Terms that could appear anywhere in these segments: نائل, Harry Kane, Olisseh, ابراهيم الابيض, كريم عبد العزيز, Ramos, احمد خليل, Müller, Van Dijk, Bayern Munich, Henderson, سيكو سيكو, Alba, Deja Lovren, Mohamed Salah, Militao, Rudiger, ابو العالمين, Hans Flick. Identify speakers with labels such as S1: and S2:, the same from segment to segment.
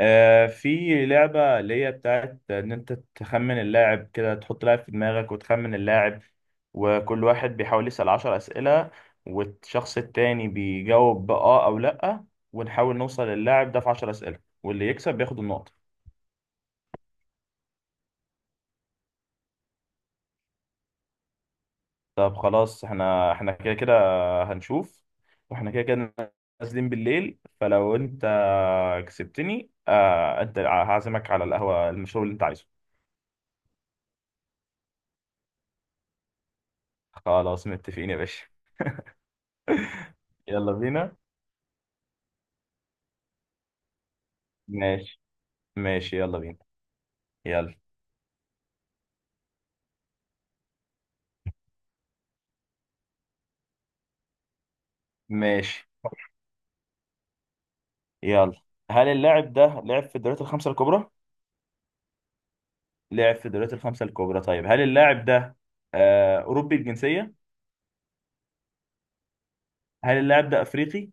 S1: في لعبة اللي هي بتاعت إن أنت تخمن اللاعب كده، تحط لاعب في دماغك وتخمن اللاعب. وكل واحد بيحاول يسأل عشر أسئلة، والشخص التاني بيجاوب بآه أو لأ. ونحاول نوصل للاعب ده في عشر أسئلة، واللي يكسب بياخد النقطة. طب خلاص احنا كده كده. هنشوف. واحنا كده كده نازلين بالليل، فلو أنت كسبتني أنت هعزمك على القهوة، المشروب اللي أنت عايزه. خلاص، متفقين يا باشا. يلا بينا. ماشي. ماشي يلا بينا. يلا. ماشي. يلا. هل اللاعب ده لعب في الدوريات الخمسة الكبرى؟ لعب في الدوريات الخمسة الكبرى. طيب، هل اللاعب ده أوروبي الجنسية؟ هل اللاعب ده أفريقي؟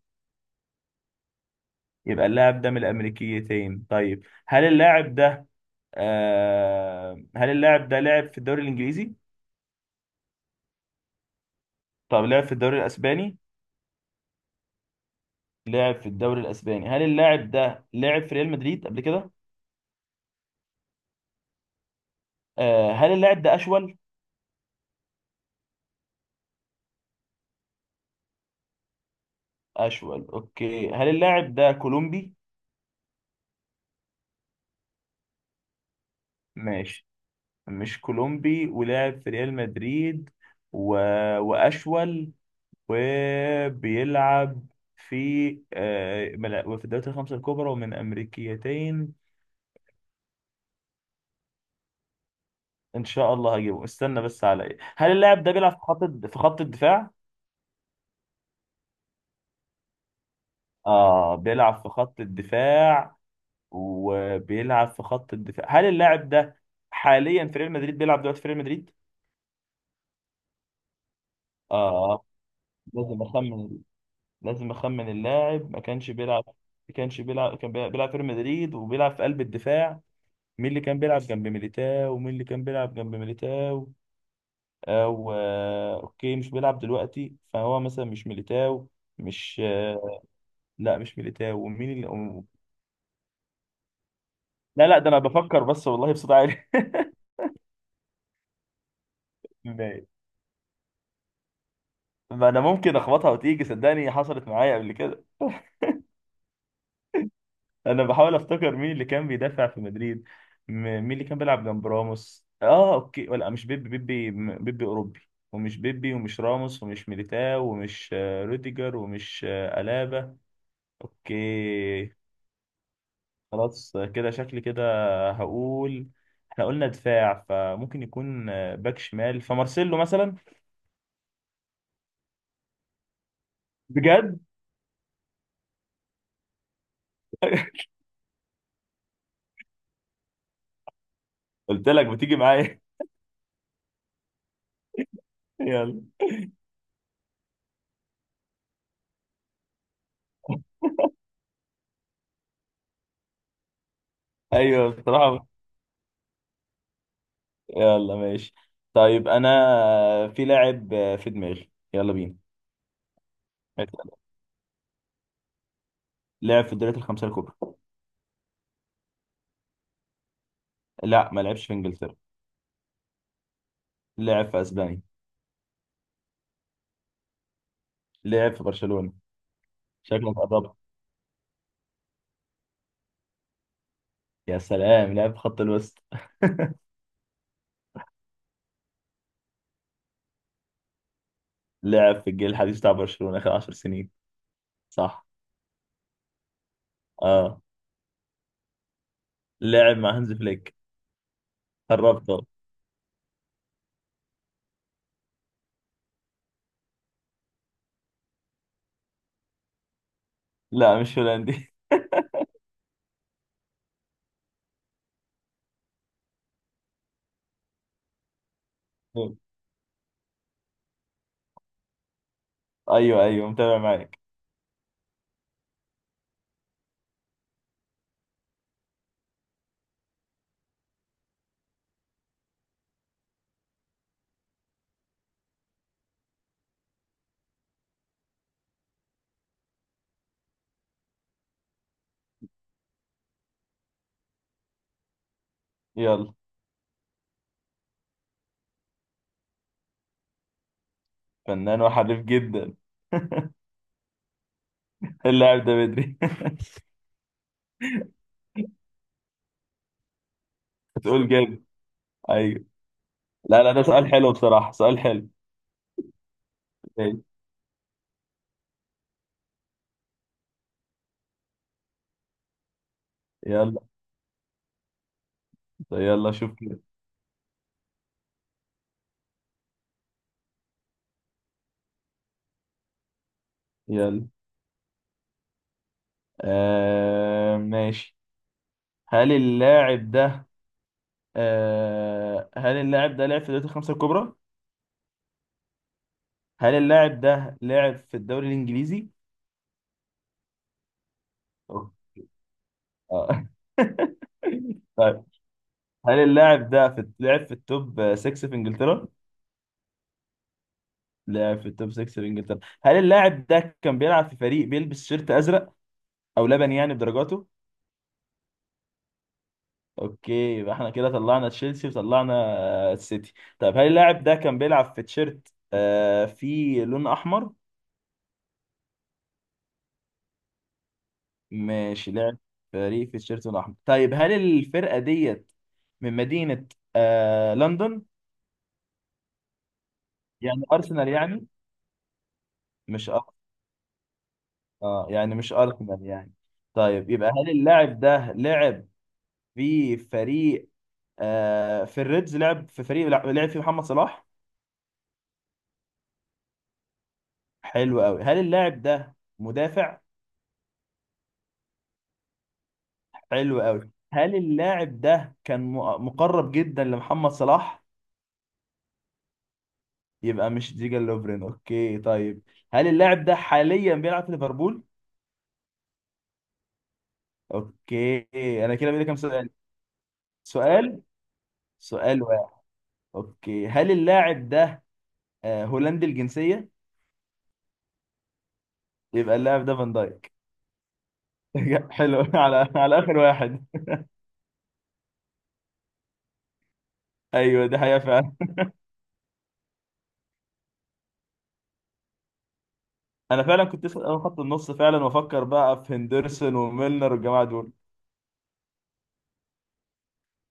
S1: يبقى اللاعب ده من الأمريكيتين. طيب، هل اللاعب ده هل اللاعب ده لعب في الدوري الإنجليزي؟ طب لعب في الدوري الأسباني؟ لعب في الدوري الأسباني. هل اللاعب ده لعب في ريال مدريد قبل كده؟ هل اللاعب ده أشول؟ أشول. أوكي، هل اللاعب ده كولومبي؟ ماشي. مش كولومبي ولعب في ريال مدريد و... وأشول وبيلعب في وفي الدوريات الخمسة الكبرى ومن أمريكيتين. إن شاء الله هجيبه. استنى بس، على إيه؟ هل اللاعب ده بيلعب في في خط الدفاع؟ آه، بيلعب في خط الدفاع. وبيلعب في خط الدفاع. هل اللاعب ده حاليا في ريال مدريد، بيلعب دلوقتي في ريال مدريد؟ آه. لازم أخمن. لازم اخمن. اللاعب ما كانش بيلعب، ما كانش بيلعب، كان بيلعب في ريال مدريد وبيلعب في قلب الدفاع. مين اللي كان بيلعب جنب ميليتاو؟ ومين اللي كان بيلعب جنب ميليتاو؟ او اوكي، مش بيلعب دلوقتي، فهو مثلا مش ميليتاو. مش آه، لا مش ميليتاو. ومين اللي لا لا، ده انا بفكر بس والله بصوت عالي. ما انا ممكن اخبطها وتيجي، صدقني حصلت معايا قبل كده. انا بحاول افتكر مين اللي كان بيدافع في مدريد. م- مين اللي كان بيلعب جنب راموس؟ اه، اوكي، ولا مش بيبي اوروبي. ومش بيبي ومش راموس ومش ميليتاو ومش روديجر ومش الابا. اوكي. خلاص، كده شكلي كده. هقول احنا قلنا دفاع، فممكن يكون باك شمال، فمارسيلو مثلا. بجد. قلت لك بتيجي معايا. يلا. ايوه بصراحة. يلا. ماشي. طيب، انا في لاعب في دماغي، يلا بينا. لعب في الدوريات الخمسة الكبرى. لا، ما لعبش في انجلترا. لعب في اسبانيا. لعب في برشلونة. شكلك قربت. يا سلام، لعب في خط الوسط. لعب في الجيل الحديث بتاع برشلونة آخر 10 سنين. صح. اه. لعب مع هانز فليك. قربت أهو. لا، مش هولندي. ايوه ايوه، متابع معاك. يلا. فنان وحريف جدا. اللاعب ده بدري. هتقول جامد. ايوه. لا لا، ده سؤال حلو بصراحة، سؤال حلو. ماشي. يلا. يلا شوف كده. يلا. آه ماشي. هل اللاعب ده هل اللاعب ده لعب في دوري الخمسة الكبرى؟ هل اللاعب ده لعب في الدوري الإنجليزي؟ أوه. آه. طيب، هل اللاعب ده في لعب في التوب 6 في إنجلترا؟ لعب في التوب 6 في إنجلترا. هل اللاعب ده كان بيلعب في فريق بيلبس شيرت أزرق أو لبني يعني بدرجاته؟ أوكي. يبقى احنا كده طلعنا تشيلسي وطلعنا السيتي. طيب، هل اللاعب ده كان بيلعب في تيشيرت فيه لون أحمر؟ ماشي. لعب فريق في التيشيرت الأحمر. طيب، هل الفرقة ديت من مدينة لندن؟ يعني أرسنال يعني. مش أر... آه يعني مش أرسنال يعني. طيب، يبقى هل اللاعب ده لعب في فريق في الريدز، لعب في فريق لعب فيه محمد صلاح. حلو قوي. هل اللاعب ده مدافع؟ حلو قوي. هل اللاعب ده كان مقرب جدا لمحمد صلاح؟ يبقى مش ديجا لوفرين. اوكي طيب، هل اللاعب ده حاليا بيلعب في ليفربول؟ اوكي. انا كده بقى لي كام سؤال؟ سؤال. سؤال واحد. اوكي، هل اللاعب ده هولندي الجنسية؟ يبقى اللاعب ده فان دايك. حلو، على اخر واحد. ايوه دي حقيقة فعلا. انا فعلا كنت اسال اول خط النص فعلا، وافكر بقى في هندرسون وميلنر والجماعة دول.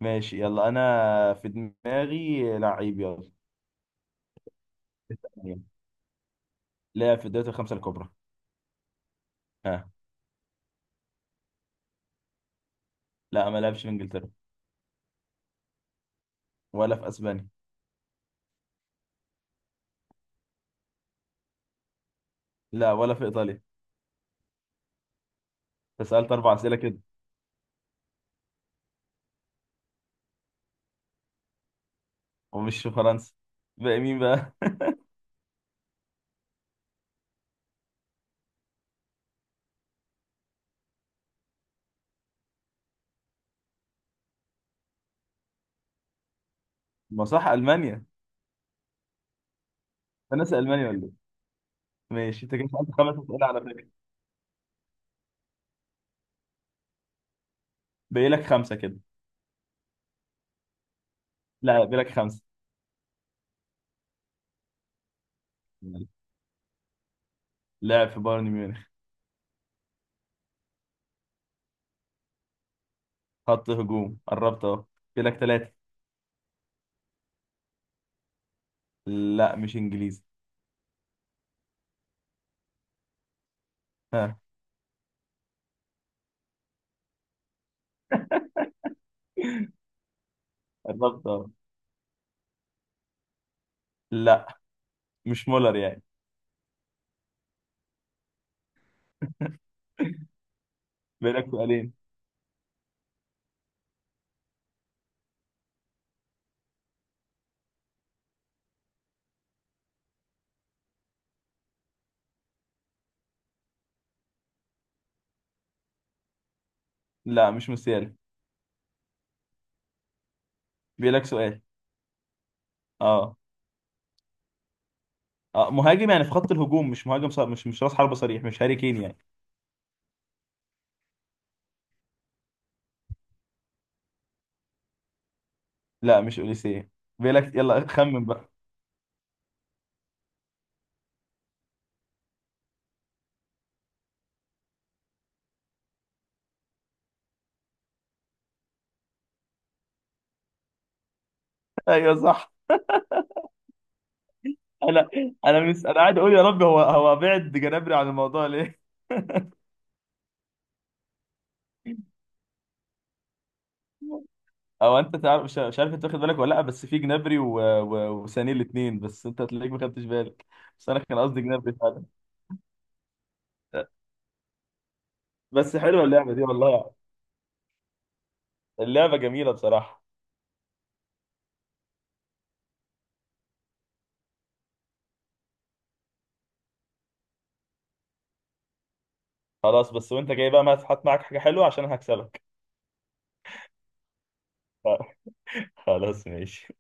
S1: ماشي يلا. انا في دماغي لعيب، يلا. اسألني. لاعب في الدوري الخمسة الكبرى. ها. لا، ما لعبش في انجلترا. ولا في اسبانيا. لا، ولا في ايطاليا. فسألت اربع اسئلة كده. ومش في فرنسا. بقى مين بقى؟ ما صح، المانيا. انا ناسي المانيا ولا ايه؟ ماشي، انت كده سالت خمس اسئله على فكره. باقي لك خمسه كده. لا، باقي لك خمسه. لعب في بايرن ميونخ. خط هجوم، قربت اهو. باقي لك ثلاثه. لا، مش انجليزي. ها. قربت اهو. لا، مش مولر يعني. باقي لك سؤالين. لا، مش موسيالا. باقي لك سؤال. اه. اه مهاجم يعني، في خط الهجوم مش مهاجم صار، مش راس حربة صريح، مش هاري كين يعني. لا، مش اوليسيه. باقي لك، يلا خمن بقى. ايوه صح. انا انا مش انا قاعد اقول يا رب، هو بعد جنابري عن الموضوع ليه. او انت تعرف، مش عارف انت واخد بالك ولا لا؟ بس في جنابري وسانيه الاثنين بس، انت هتلاقيك ما خدتش بالك. بس انا كان قصدي جنابري فعلا. بس حلوه اللعبه دي والله. اللعبه جميله بصراحه. خلاص، بس وانت جاي بقى ما هات معاك حاجه حلوه عشان هكسبك. خلاص ماشي.